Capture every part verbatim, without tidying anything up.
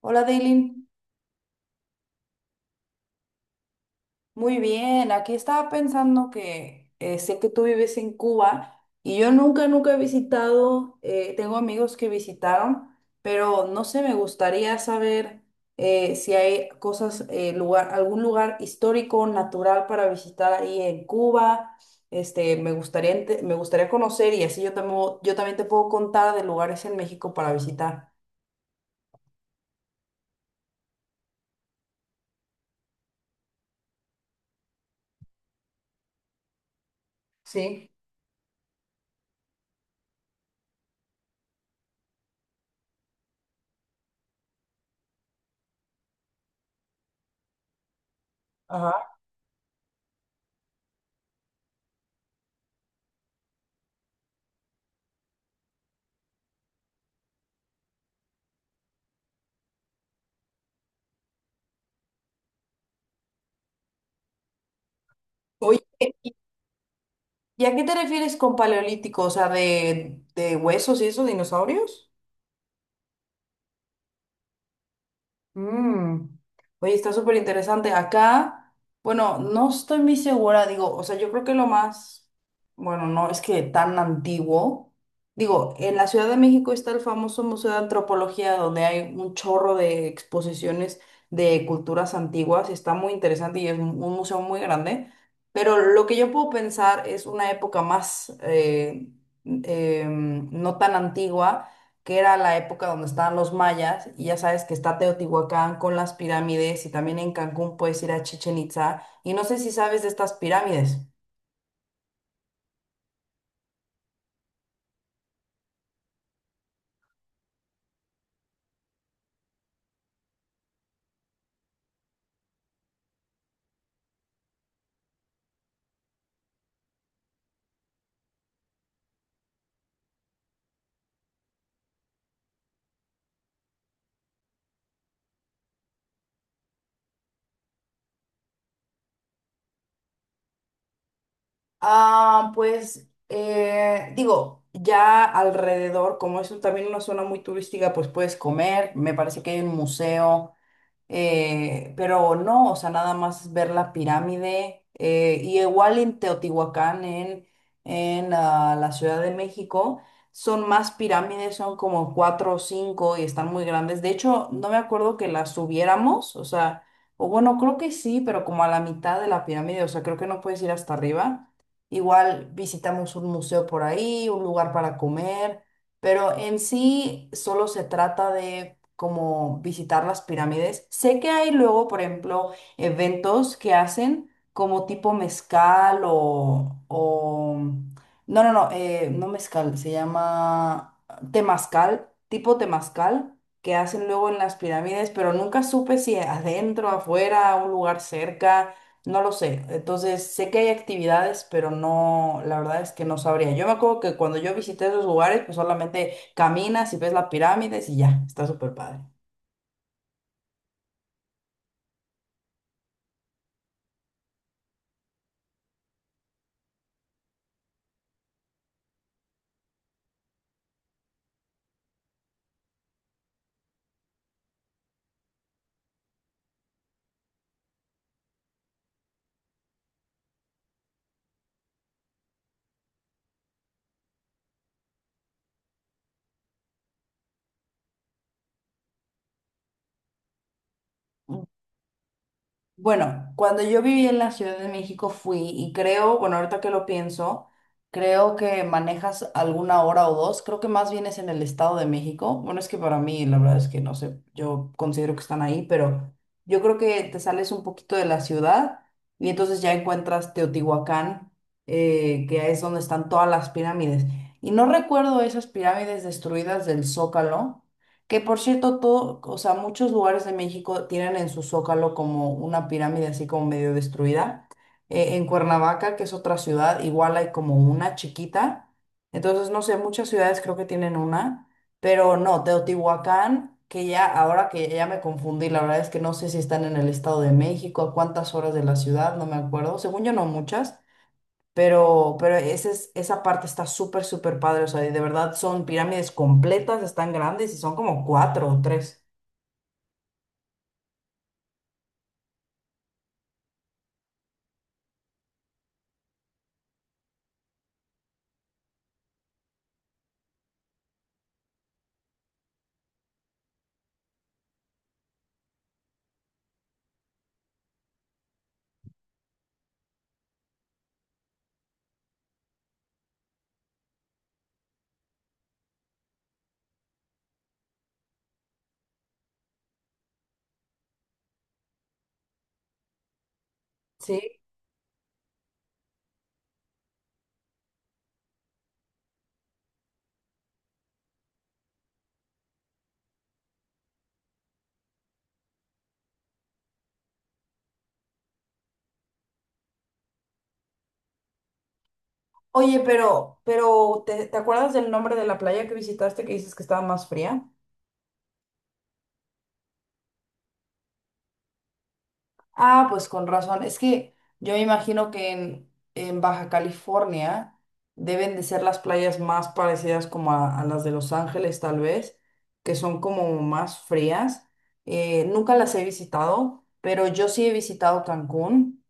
Hola, Daylin. Muy bien. Aquí estaba pensando que eh, sé que tú vives en Cuba y yo nunca, nunca he visitado, eh, tengo amigos que visitaron, pero no sé, me gustaría saber eh, si hay cosas, eh, lugar, algún lugar histórico, natural para visitar ahí en Cuba. Este, me gustaría, ente- me gustaría conocer y así yo también, yo también te puedo contar de lugares en México para visitar. Sí, ajá. Oye. ¿Y a qué te refieres con paleolítico? O sea, de, de huesos y esos dinosaurios. Mm. Oye, está súper interesante. Acá, bueno, no estoy muy segura, digo, o sea, yo creo que lo más, bueno, no es que tan antiguo. Digo, en la Ciudad de México está el famoso Museo de Antropología, donde hay un chorro de exposiciones de culturas antiguas. Está muy interesante y es un un museo muy grande. Pero lo que yo puedo pensar es una época más, eh, em, no tan antigua que era la época donde estaban los mayas, y ya sabes que está Teotihuacán con las pirámides, y también en Cancún puedes ir a Chichen Itza y no sé si sabes de estas pirámides. Ah, pues, eh, digo, ya alrededor, como es un- también una zona muy turística, pues puedes comer, me parece que hay un museo. Eh, pero no, o sea, nada más ver la pirámide. Eh, y igual en Teotihuacán, en, en ah, la Ciudad de México, son más pirámides, son como cuatro o cinco y están muy grandes. De hecho, no me acuerdo que las subiéramos, o sea, o bueno, creo que sí, pero como a la mitad de la pirámide, o sea, creo que no puedes ir hasta arriba. Igual visitamos un museo por ahí, un lugar para comer. Pero en sí solo se trata de como visitar las pirámides. Sé que hay luego, por ejemplo, eventos que hacen como tipo mezcal o... o... No, no, no, eh, no mezcal, se llama temazcal, tipo temazcal, que hacen luego en las pirámides, pero nunca supe si adentro, afuera, un lugar cerca. No lo sé. Entonces, sé que hay actividades, pero no, la verdad es que no sabría. Yo me acuerdo que cuando yo visité esos lugares, pues solamente caminas y ves las pirámides y ya, está súper padre. Bueno, cuando yo viví en la Ciudad de México fui y creo, bueno, ahorita que lo pienso, creo que manejas alguna hora o dos, creo que más bien es en el Estado de México. Bueno, es que para mí la verdad es que no sé, yo considero que están ahí, pero yo creo que te sales un poquito de la ciudad y entonces ya encuentras Teotihuacán, eh, que es donde están todas las pirámides. Y no recuerdo esas pirámides destruidas del Zócalo. Que por cierto, todo, o sea, muchos lugares de México tienen en su zócalo como una pirámide así como medio destruida. Eh, en Cuernavaca, que es otra ciudad, igual hay como una chiquita. Entonces, no sé, muchas ciudades creo que tienen una, pero no, Teotihuacán, que ya ahora que ya me confundí, la verdad es que no sé si están en el Estado de México, a cuántas horas de la ciudad, no me acuerdo. Según yo, no muchas. Pero, pero ese es- esa parte está súper, súper padre. O sea, y de verdad son pirámides completas, están grandes y son como cuatro o tres. Sí. Oye, pero, pero ¿te, te acuerdas del nombre de la playa que visitaste que dices que estaba más fría? Ah, pues con razón. Es que yo me imagino que en, en Baja California deben de ser las playas más parecidas como a, a las de Los Ángeles, tal vez, que son como más frías. Eh, nunca las he visitado, pero yo sí he visitado Cancún.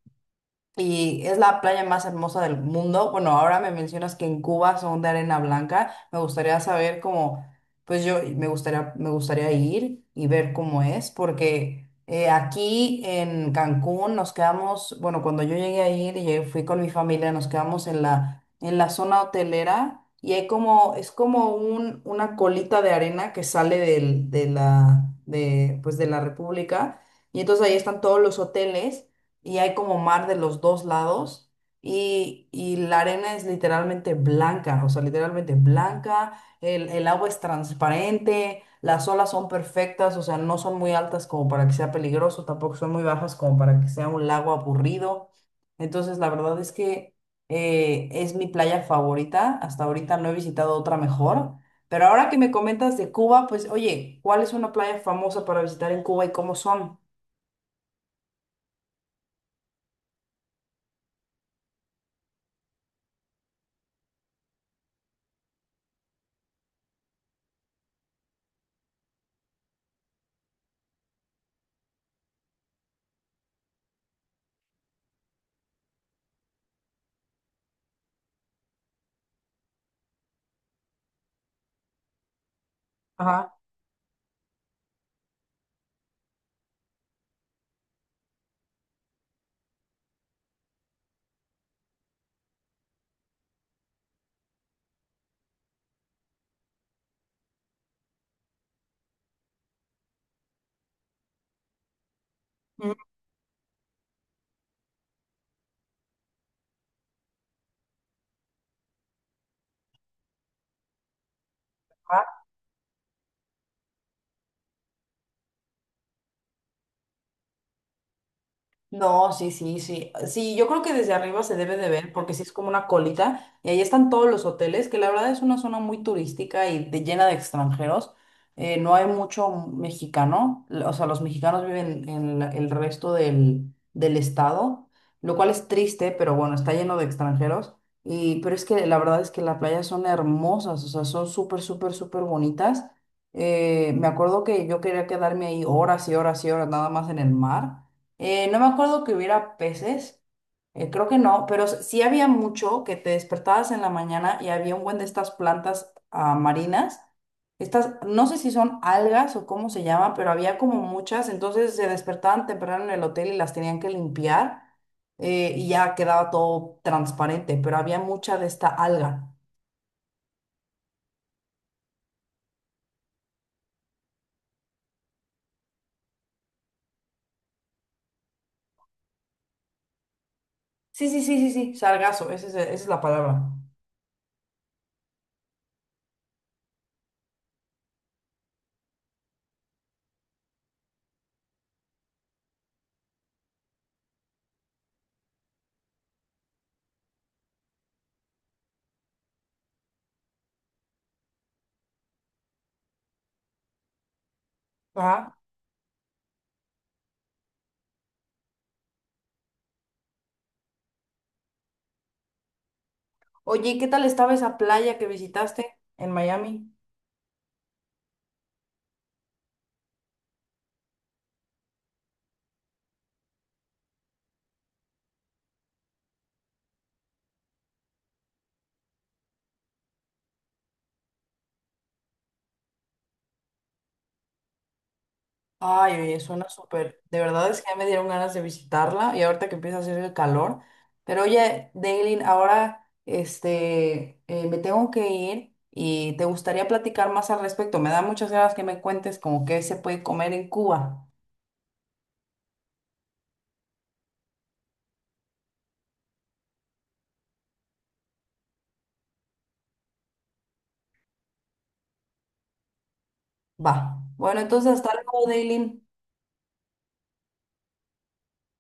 Y es la playa más hermosa del mundo. Bueno, ahora me mencionas que en Cuba son de arena blanca. Me gustaría saber cómo, pues yo me gustaría, me gustaría ir y ver cómo es, porque eh, aquí en Cancún nos quedamos, bueno, cuando yo llegué a ir y fui con mi familia, nos quedamos en la, en la zona hotelera y hay como, es como un, una colita de arena que sale del, de la, de, pues de la República. Y entonces ahí están todos los hoteles y hay como mar de los dos lados y, y la arena es literalmente blanca, o sea, literalmente blanca, el, el agua es transparente, las olas son perfectas, o sea, no son muy altas como para que sea peligroso, tampoco son muy bajas como para que sea un lago aburrido. Entonces, la verdad es que eh, es mi playa favorita, hasta ahorita no he visitado otra mejor. Pero ahora que me comentas de Cuba, pues oye, ¿cuál es una playa famosa para visitar en Cuba y cómo son? Ajá. Mm. No, sí, sí, sí. Sí, yo creo que desde arriba se debe de ver porque sí es como una colita y ahí están todos los hoteles, que la verdad es una zona muy turística y de, llena de extranjeros. Eh, no hay mucho mexicano, l- o sea, los mexicanos viven en la- el resto del, del estado, lo cual es triste, pero bueno, está lleno de extranjeros. Y, pero es que la verdad es que las playas son hermosas, o sea, son súper, súper, súper bonitas. Eh, me acuerdo que yo quería quedarme ahí horas y horas y horas nada más en el mar. Eh, no me acuerdo que hubiera peces, eh, creo que no, pero s- sí había mucho que te despertabas en la mañana y había un buen de estas plantas ah, marinas. Estas, no sé si son algas o cómo se llama, pero había como muchas, entonces se despertaban temprano en el hotel y las tenían que limpiar, eh, y ya quedaba todo transparente, pero había mucha de esta alga. Sí, sí, sí, sí, sí, sargazo, esa es, esa es la palabra. Ajá. Oye, ¿y qué tal estaba esa playa que visitaste en Miami? Ay, oye, suena súper. De verdad es que ya me dieron ganas de visitarla y ahorita que empieza a hacer el calor. Pero oye, Daylin, ahora este, eh, me tengo que ir y te gustaría platicar más al respecto. Me da muchas ganas que me cuentes como qué se puede comer en Cuba. Va. Bueno, entonces hasta luego, Daylin.